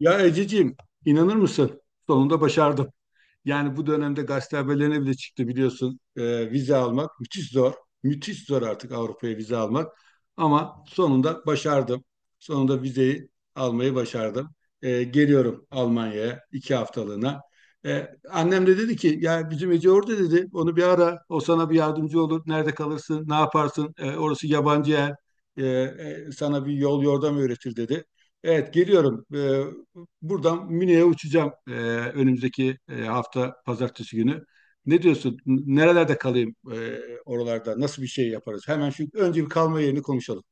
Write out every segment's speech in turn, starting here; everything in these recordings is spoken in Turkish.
Ya Ececiğim, inanır mısın? Sonunda başardım. Yani bu dönemde gazete haberlerine bile çıktı biliyorsun. Vize almak müthiş zor. Müthiş zor artık Avrupa'ya vize almak. Ama sonunda başardım. Sonunda vizeyi almayı başardım. Geliyorum Almanya'ya 2 haftalığına. Annem de dedi ki ya bizim Ece orada dedi. Onu bir ara. O sana bir yardımcı olur. Nerede kalırsın? Ne yaparsın? Orası yabancı yer. Sana bir yol yordam öğretir dedi. Evet geliyorum. Buradan Münih'e uçacağım önümüzdeki hafta pazartesi günü. Ne diyorsun? Nerelerde kalayım oralarda? Nasıl bir şey yaparız? Hemen şu önce bir kalma yerini konuşalım.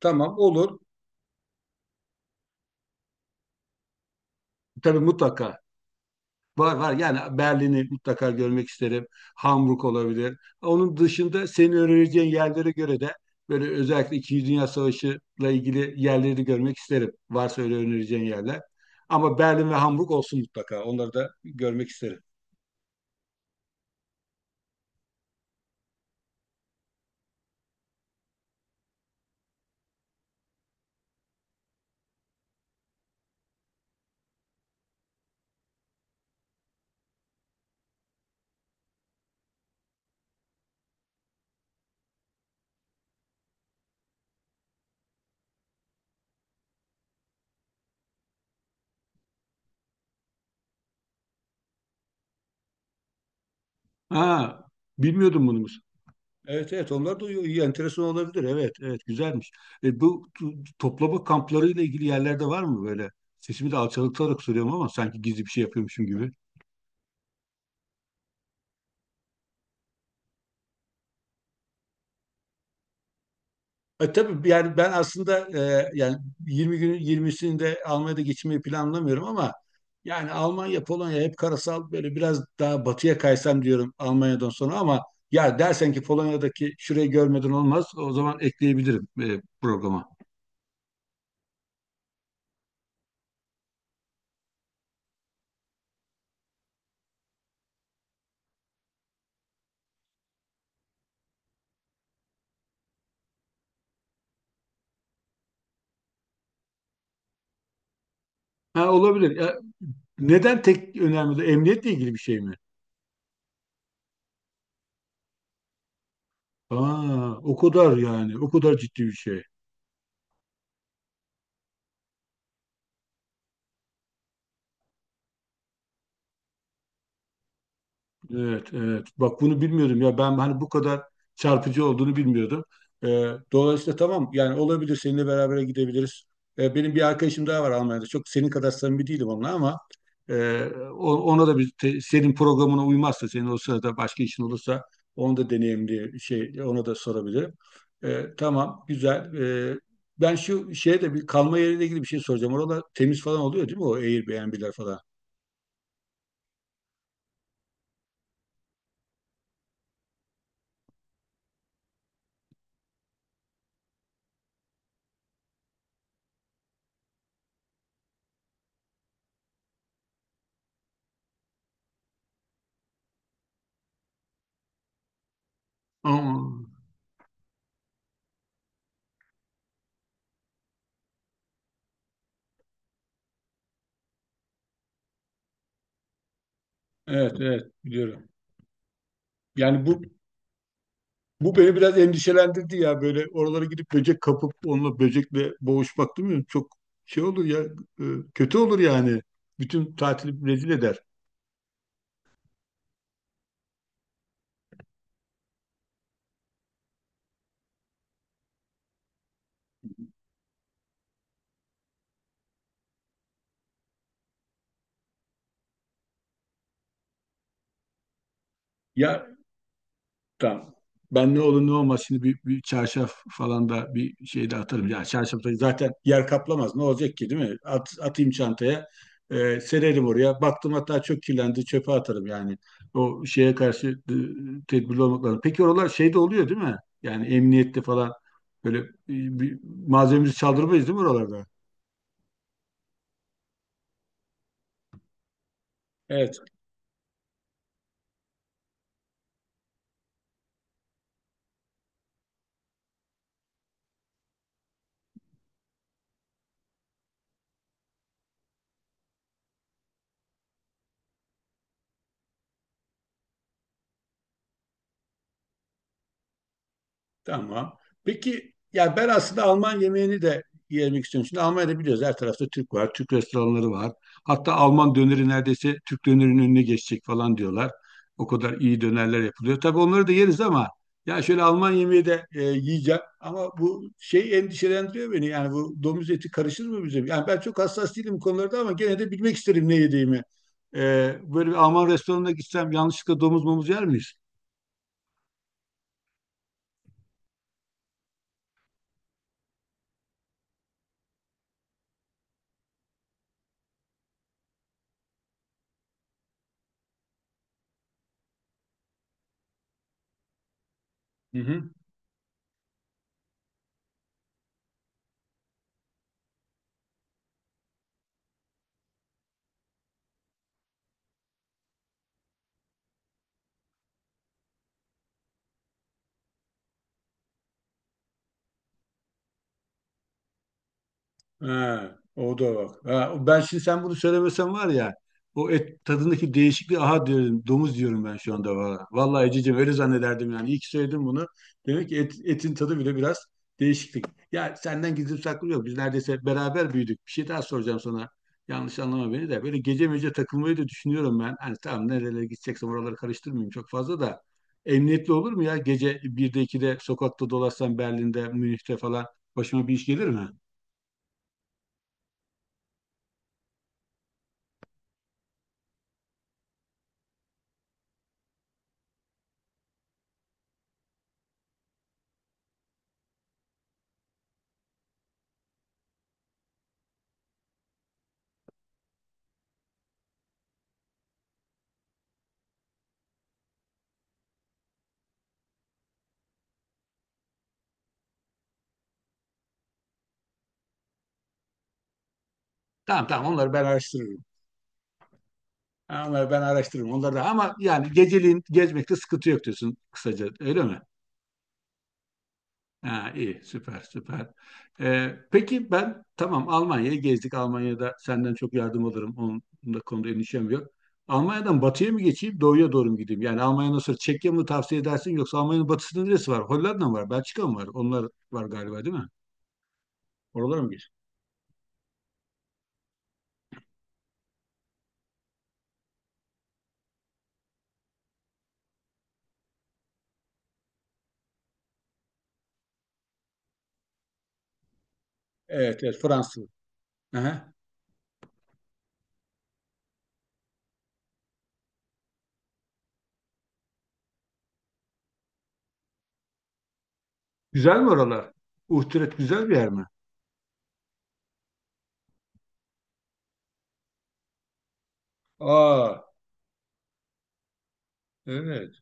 Tamam olur. Tabii mutlaka. Var var yani Berlin'i mutlaka görmek isterim. Hamburg olabilir. Onun dışında senin önereceğin yerlere göre de böyle özellikle İkinci Dünya Savaşı'la ilgili yerleri de görmek isterim. Varsa öyle önereceğin yerler. Ama Berlin ve Hamburg olsun mutlaka. Onları da görmek isterim. Ha, bilmiyordum bunu. Musa. Evet evet onlar da iyi, iyi, enteresan olabilir. Evet evet güzelmiş. Bu toplama kamplarıyla ilgili yerlerde var mı böyle? Sesimi de alçaltarak soruyorum ama sanki gizli bir şey yapıyormuşum gibi. Tabii yani ben aslında yani 20 günün 20'sini de Almanya'da geçirmeyi planlamıyorum ama yani Almanya, Polonya hep karasal böyle biraz daha batıya kaysam diyorum Almanya'dan sonra ama ya dersen ki Polonya'daki şurayı görmeden olmaz o zaman ekleyebilirim programa. Ha, olabilir. Neden tek önemli? Emniyetle ilgili bir şey mi? Aa, o kadar yani. O kadar ciddi bir şey. Evet, evet. Bak bunu bilmiyordum ya. Ben hani bu kadar çarpıcı olduğunu bilmiyordum. Dolayısıyla tamam yani olabilir seninle beraber gidebiliriz. Benim bir arkadaşım daha var Almanya'da. Çok senin kadar samimi değilim onunla ama e, ona da senin programına uymazsa senin o sırada başka işin olursa onu da deneyimli şey ona da sorabilirim. Tamam güzel. Ben şu şeye de bir kalma yeriyle ilgili bir şey soracağım. Oralar temiz falan oluyor değil mi o Airbnb'ler falan? Aa. Evet, evet biliyorum. Yani bu beni biraz endişelendirdi ya böyle oralara gidip böcek kapıp onunla böcekle boğuşmak değil mi? Çok şey olur ya, e, kötü olur yani. Bütün tatili rezil eder. Ya tamam. Ben ne olur ne olmaz şimdi bir çarşaf falan da bir şey de atarım. Ya çarşaf da zaten yer kaplamaz. Ne olacak ki değil mi? Atayım çantaya. Sererim oraya. Baktım hatta çok kirlendi. Çöpe atarım yani. O şeye karşı tedbirli olmak lazım. Peki oralar şeyde oluyor değil mi? Yani emniyette falan böyle bir malzememizi çaldırmayız değil mi oralarda? Evet, tamam. Peki ya ben aslında Alman yemeğini de yemek istiyorum. Şimdi Almanya'da biliyoruz her tarafta Türk var, Türk restoranları var. Hatta Alman döneri neredeyse Türk dönerinin önüne geçecek falan diyorlar. O kadar iyi dönerler yapılıyor. Tabii onları da yeriz ama ya şöyle Alman yemeği de yiyeceğim. Ama bu şey endişelendiriyor beni. Yani bu domuz eti karışır mı bize? Yani ben çok hassas değilim bu konularda ama gene de bilmek isterim ne yediğimi. E, böyle bir Alman restoranına gitsem yanlışlıkla domuz momuz yer miyiz? Hı hı. Ha, o da bak. Ha, ben şimdi sen bunu söylemesen var ya o et tadındaki değişikliği aha diyorum domuz diyorum ben şu anda valla. Vallahi Ececiğim öyle zannederdim yani. İyi ki söyledim bunu. Demek ki etin tadı bile biraz değişiklik. Ya senden gizli saklı yok. Biz neredeyse beraber büyüdük. Bir şey daha soracağım sana. Yanlış anlama beni de. Böyle gece mece takılmayı da düşünüyorum ben. Hani tamam nerelere gideceksem oraları karıştırmayayım çok fazla da. Emniyetli olur mu ya? Gece 1'de 2'de sokakta dolaşsam Berlin'de, Münih'te falan başıma bir iş gelir mi? Tamam tamam onları ben araştırırım. Ha, onları ben araştırırım. Onları da ama yani geceliğin gezmekte sıkıntı yok diyorsun kısaca öyle mi? Ha, iyi süper süper. Peki ben tamam Almanya'yı gezdik. Almanya'da senden çok yardım alırım. Onun da konuda endişem yok. Almanya'dan batıya mı geçeyim, doğuya doğru mu gideyim? Yani Almanya'dan sonra Çekya mı tavsiye edersin yoksa Almanya'nın batısında neresi var? Hollanda mı var? Belçika mı var? Onlar var galiba değil mi? Oralara mı geç? Evet, evet Fransız. Aha. Güzel mi oralar? Uhturet güzel bir yer mi? Aa, evet.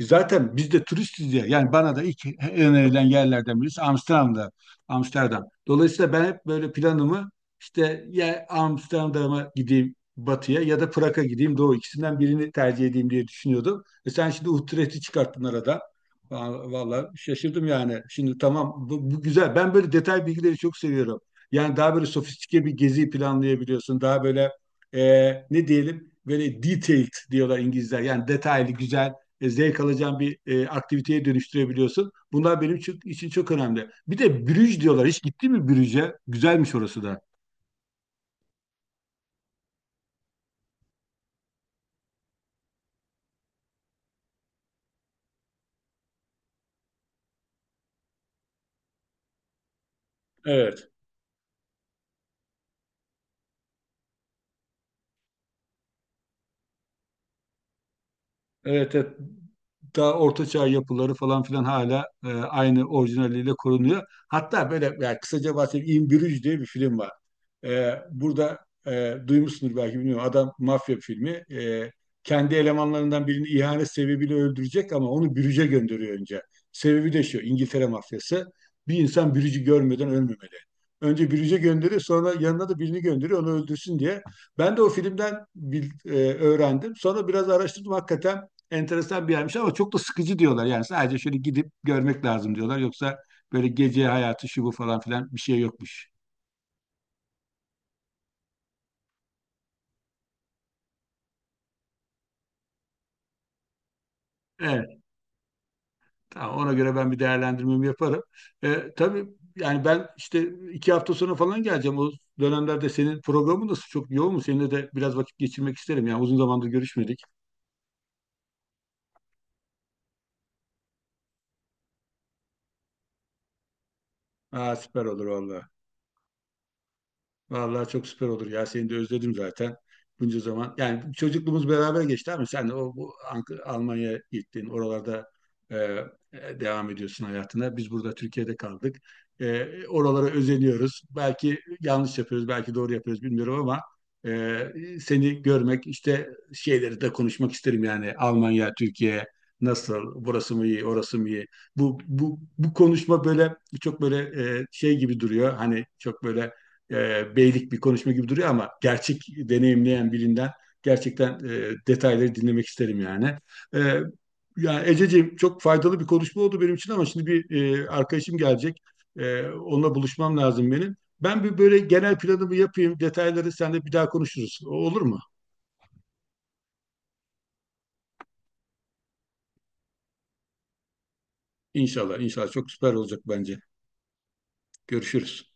Zaten biz de turistiz ya. Yani bana da ilk önerilen yerlerden birisi Amsterdam'da. Amsterdam. Dolayısıyla ben hep böyle planımı işte ya Amsterdam'a gideyim batıya ya da Prag'a gideyim doğu ikisinden birini tercih edeyim diye düşünüyordum. E sen şimdi Utrecht'i çıkarttın arada. Vallahi şaşırdım yani. Şimdi tamam bu güzel. Ben böyle detay bilgileri çok seviyorum. Yani daha böyle sofistike bir gezi planlayabiliyorsun. Daha böyle ne diyelim böyle detailed diyorlar İngilizler. Yani detaylı, güzel zevk alacağın bir aktiviteye dönüştürebiliyorsun. Bunlar benim için çok önemli. Bir de Brüj diyorlar. Hiç gitti mi Brüj'e? Güzelmiş orası da. Evet. Evet, evet. Daha ortaçağ yapıları falan filan hala aynı orijinaliyle korunuyor. Hatta böyle yani kısaca bahsedeyim. İmbirücü diye bir film var. Burada duymuşsunuz belki bilmiyorum. Adam mafya filmi. Kendi elemanlarından birini ihanet sebebiyle öldürecek ama onu bürüce gönderiyor önce. Sebebi de şu. İngiltere mafyası. Bir insan bürücü görmeden ölmemeli. Önce bürüce gönderiyor sonra yanına da birini gönderiyor onu öldürsün diye. Ben de o filmden öğrendim. Sonra biraz araştırdım hakikaten enteresan bir yermiş ama çok da sıkıcı diyorlar. Yani sadece şöyle gidip görmek lazım diyorlar. Yoksa böyle gece hayatı şu bu falan filan bir şey yokmuş. Evet, tamam. Ona göre ben bir değerlendirmemi yaparım. Tabii yani ben işte 2 hafta sonra falan geleceğim. O dönemlerde senin programın nasıl çok yoğun mu? Seninle de biraz vakit geçirmek isterim. Yani uzun zamandır görüşmedik. Aa, süper olur vallahi. Vallahi çok süper olur ya. Seni de özledim zaten. Bunca zaman. Yani çocukluğumuz beraber geçti ama sen de o bu Almanya'ya gittin. Oralarda e, devam ediyorsun hayatına. Biz burada Türkiye'de kaldık. Oralara özeniyoruz. Belki yanlış yapıyoruz, belki doğru yapıyoruz bilmiyorum ama e, seni görmek, işte şeyleri de konuşmak isterim yani. Almanya, Türkiye nasıl? Burası mı iyi, orası mı iyi? Bu konuşma böyle çok böyle şey gibi duruyor. Hani çok böyle beylik bir konuşma gibi duruyor ama gerçek deneyimleyen birinden gerçekten detayları dinlemek isterim yani. E, yani Ececiğim çok faydalı bir konuşma oldu benim için ama şimdi bir arkadaşım gelecek. Onunla buluşmam lazım benim. Ben bir böyle genel planımı yapayım. Detayları seninle bir daha konuşuruz. O olur mu? İnşallah, inşallah çok süper olacak bence. Görüşürüz.